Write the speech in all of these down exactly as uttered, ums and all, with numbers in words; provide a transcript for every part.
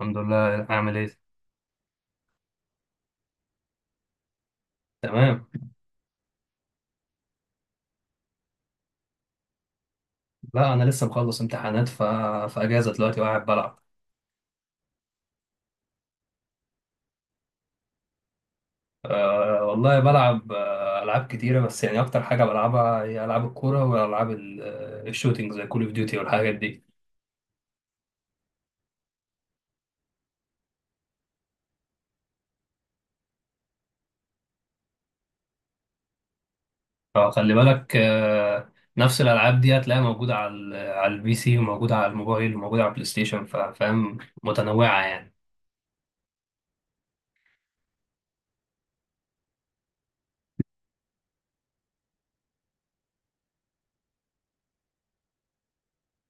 الحمد لله، عامل ايه؟ تمام. لا، انا لسه مخلص امتحانات ف... في اجازه دلوقتي وقاعد بلعب. أه والله بلعب آه، العاب كتيره، بس يعني اكتر حاجه بلعبها هي العاب الكوره والعاب ال- آه، الشوتينج زي كول اوف ديوتي والحاجات دي. فخلي بالك أه نفس الالعاب دي هتلاقيها موجوده على ال- على البي سي وموجوده على الموبايل وموجوده على البلاي ستيشن، ف- فاهم؟ متنوعه يعني.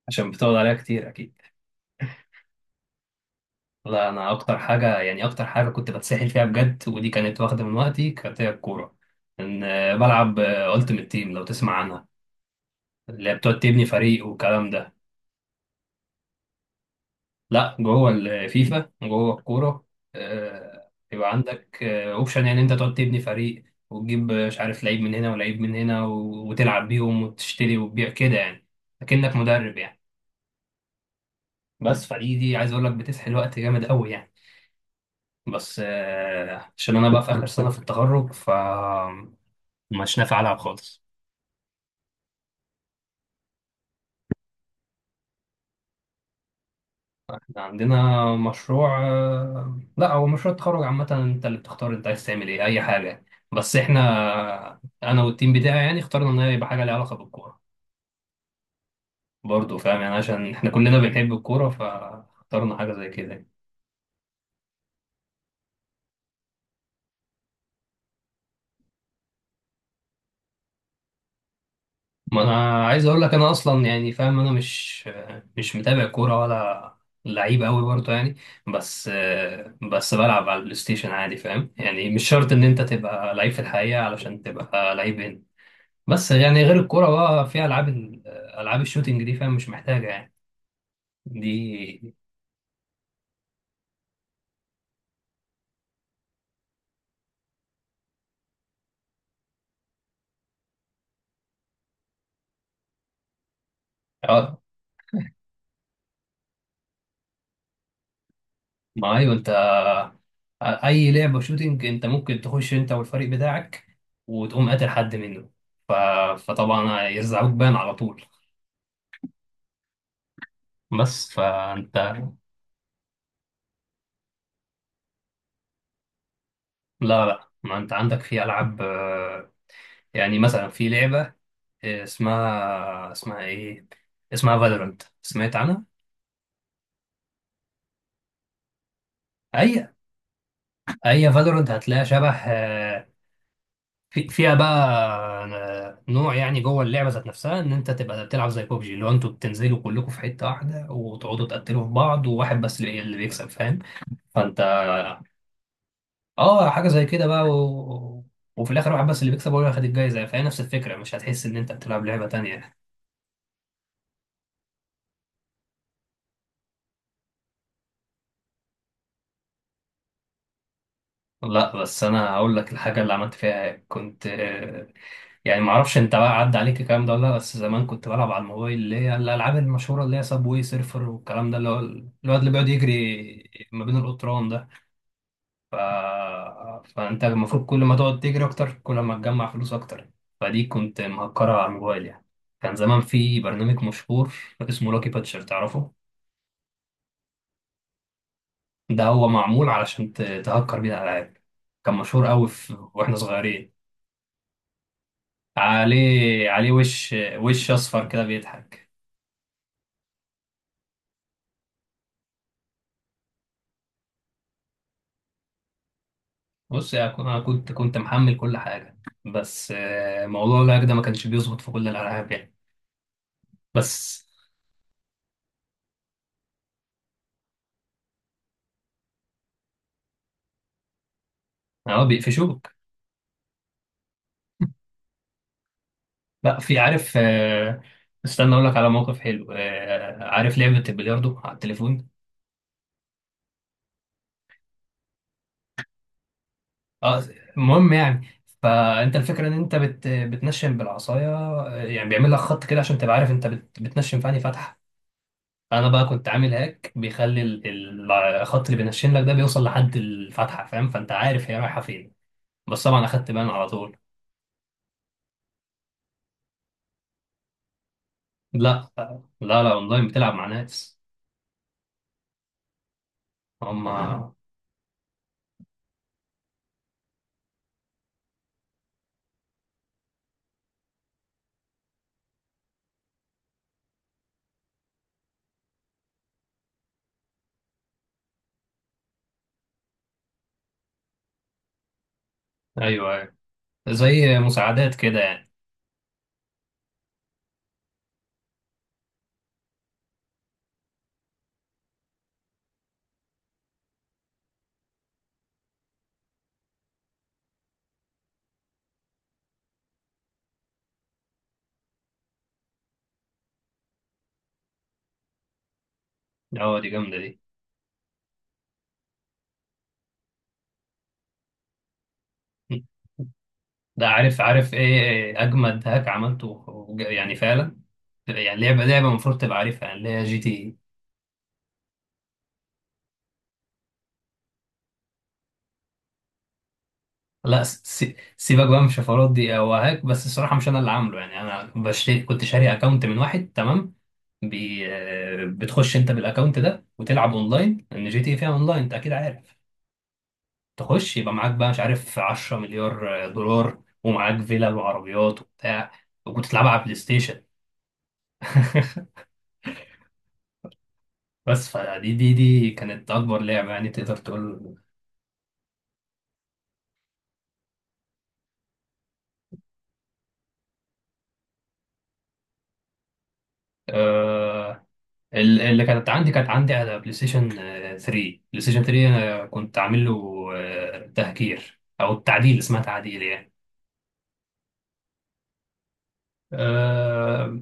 عشان بتقعد عليها كتير اكيد. لا، انا اكتر حاجه يعني اكتر حاجه كنت بتسحل فيها بجد ودي كانت واخده من وقتي كانت هي الكوره. ان آه، بلعب التيمت تيم، لو تسمع عنها، اللي هي بتقعد تبني فريق والكلام ده. لا، جوه الفيفا جوه الكوره. آه، يبقى عندك اوبشن يعني انت تقعد تبني فريق وتجيب، آه، مش عارف، لعيب من هنا ولعيب من هنا، و- وتلعب بيهم وتشتري وتبيع كده يعني، اكنك مدرب يعني. بس فدي دي عايز اقول لك بتسحل وقت جامد قوي يعني. بس آه، عشان انا بقى في اخر سنه في التخرج ف مش نافع ألعب خالص. إحنا عندنا مشروع، آه، لا هو مشروع التخرج عامة، انت اللي بتختار انت عايز تعمل ايه، اي حاجة يعني. بس احنا آه، انا والتيم بتاعي يعني اخترنا ان هي يبقى حاجة ليها علاقة بالكورة، برضه فاهم يعني، عشان احنا كلنا بنحب الكورة فاخترنا حاجة زي كده يعني. ما انا عايز اقول لك انا اصلا يعني فاهم، انا مش آه، مش متابع كورة ولا لعيب قوي برضه يعني. بس آه، بس بلعب على البلاي ستيشن عادي، فاهم يعني مش شرط ان انت تبقى لعيب في الحقيقة علشان تبقى لعيب. بس يعني غير الكورة بقى، في ألعاب ال- ألعاب الشوتينج دي، فاهم مش محتاجة يعني دي. اه، ما أيوة أنت، أي لعبة شوتينج أنت ممكن تخش أنت والفريق بتاعك وتقوم قاتل حد منه، ف... فطبعا يرزعوك بان على طول. بس فأنت. لا لا، ما أنت عندك في ألعاب، آه، يعني مثلا في لعبة، آه، اسمها اسمها إيه، اسمها فالورانت، سمعت عنها؟ أي، أي فالورانت هتلاقيها شبه، في فيها بقى آه، نوع يعني جوه اللعبه ذات نفسها، ان انت تبقى بتلعب زي بوبجي، اللي هو انتوا بتنزلوا كلكم في حته واحده وتقعدوا تقتلوا في بعض، وواحد بس اللي اللي بيكسب، فاهم؟ فانت. اه، حاجه زي كده بقى، و... وفي الاخر واحد بس اللي بيكسب هو اللي هياخد الجايزه، فهي نفس الفكره مش هتحس ان انت بتلعب لعبه تانيه. لا، بس انا هقول لك الحاجه اللي عملت فيها إيه. كنت آه، يعني ما اعرفش انت بقى عدى عليك الكلام ده ولا لا، بس زمان كنت بلعب على الموبايل، اللي هي الالعاب المشهوره اللي هي سابوي سيرفر والكلام ده، اللي هو ال- الواد اللي بيقعد يجري ما بين القطران ده، ف... فانت المفروض كل ما تقعد تجري اكتر كل ما تجمع فلوس اكتر. فدي كنت مهكرها على الموبايل يعني. كان زمان في برنامج مشهور اسمه لاكي باتشر، تعرفه؟ ده هو معمول علشان ت- تهكر بيه الالعاب. كان مشهور قوي في... واحنا صغيرين، عليه عليه وش وش اصفر كده بيضحك. بص يا كو- انا كنت كنت محمل كل حاجه. بس آه، موضوع اللاج ده ما كانش بيظبط في كل الالعاب يعني. بس. اه بيقفشوك. لا، في عارف. آه، استنى اقول لك على موقف حلو. آه، عارف لعبه البلياردو على التليفون؟ اه. المهم يعني. فانت الفكره ان انت بت بتنشن بالعصايه، آه، يعني بيعمل لك خط كده عشان تبقى عارف انت بت بتنشن في انهي فتحه. انا بقى كنت عامل هاك بيخلي ال- ال- الخط اللي بينشن لك ده بيوصل لحد الفتحه، فاهم، فانت عارف هي رايحه فين. بس طبعا اخدت بان على طول. لا لا، لا اونلاين بتلعب مع ناس. هم. ايوه ايوه، زي مساعدات كده يعني. اه دي جامده دي. ده عارف، عارف ايه إيه اجمد هاك عملته، وج- يعني فعلا، يعني لعبه لعبه المفروض تبقى عارفها يعني، اللي هي جي تي إيه. لا، س- س- سيبك بقى من الشفرات دي، هو هاك بس الصراحه مش انا اللي عامله يعني، انا بشتري، كنت شاري اكونت من واحد تمام. بي... آه، بتخش انت بالاكونت ده وتلعب اونلاين، لان جي تي إيه فيها اونلاين انت اكيد عارف. تخش يبقى معاك بقى مش عارف عشرة مليار دولار ومعاك فيلا وعربيات وبتاع، وتلعبها على بلاي ستيشن. بس فدي دي دي كانت اكبر لعبه يعني تقدر تقول. آه، ال- اللي كانت عندي كانت عندي على بلاي ستيشن آه، ثري. بلاي ستيشن ثري انا كنت عامل له آه، تهكير، او التعديل اسمها، تعديل يعني. آه،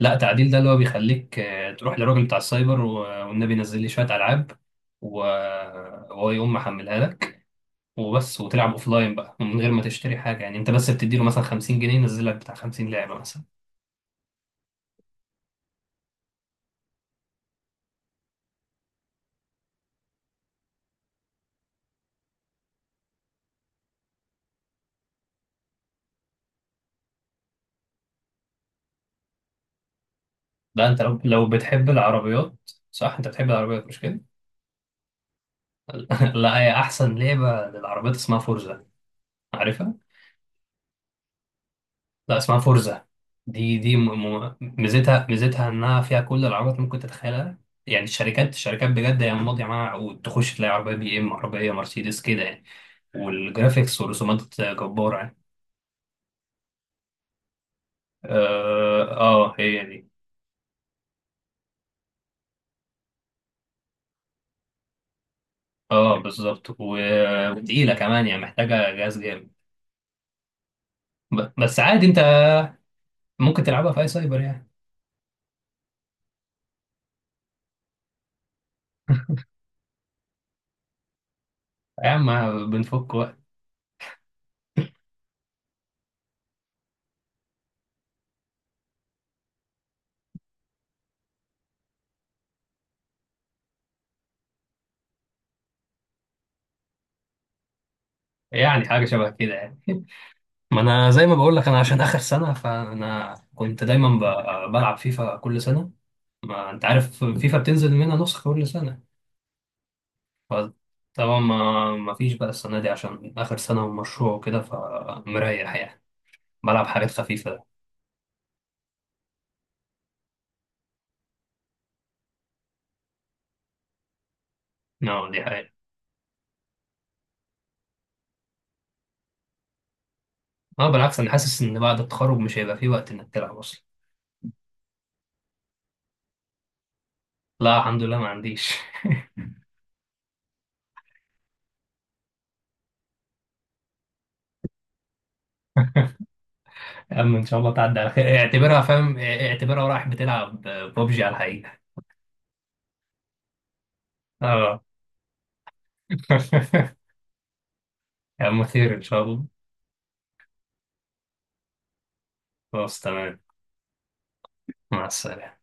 لا، تعديل ده اللي هو بيخليك آه، تروح للراجل بتاع السايبر و- والنبي ينزل لي شوية ألعاب، و- وهو يقوم محملها لك وبس، وتلعب أوفلاين بقى من غير ما تشتري حاجة يعني. أنت بس بتديله مثلا خمسين جنيه ينزل لك بتاع خمسين لعبة مثلا. ده أنت لو لو بتحب العربيات. صح، أنت بتحب العربيات مش كده؟ لا، هي أحسن لعبة للعربيات اسمها فورزا، عارفها؟ لا، اسمها فورزا. دي دي م- م- ميزتها، ميزتها انها فيها كل العربيات ممكن تتخيلها يعني. الشركات الشركات بجد هي ماضيه معاها عقود، تخش تلاقي عربيه بي ام، عربيه مرسيدس كده يعني، والجرافيكس ورسومات جباره يعني. اه، آه، هي دي. اه، بالظبط، و- وتقيله كمان يعني، محتاجه جهاز جامد. ب- بس عادي انت ممكن تلعبها في اي سايبر يعني. يا عم بنفك وقت. يعني حاجه شبه كده يعني. ما انا زي ما بقول لك انا عشان اخر سنه، فانا كنت دايما ب- بلعب فيفا كل سنه، ما انت عارف فيفا بتنزل منها نسخة كل سنة. فطبعا ما ما فيش بقى السنة دي عشان آخر سنة ومشروع وكده، فمريح يعني، بلعب حاجات خفيفة. اه دي حقيقة. اه بالعكس، انا حاسس ان بعد التخرج مش هيبقى في وقت انك تلعب اصلا. لا الحمد لله ما عنديش. اما ان شاء الله تعدي على خير، اعتبرها فاهم، اعتبرها رايح بتلعب ببجي على الحقيقة. اه. يا عم خير ان شاء الله. خلاص، تمام. مع السلامة.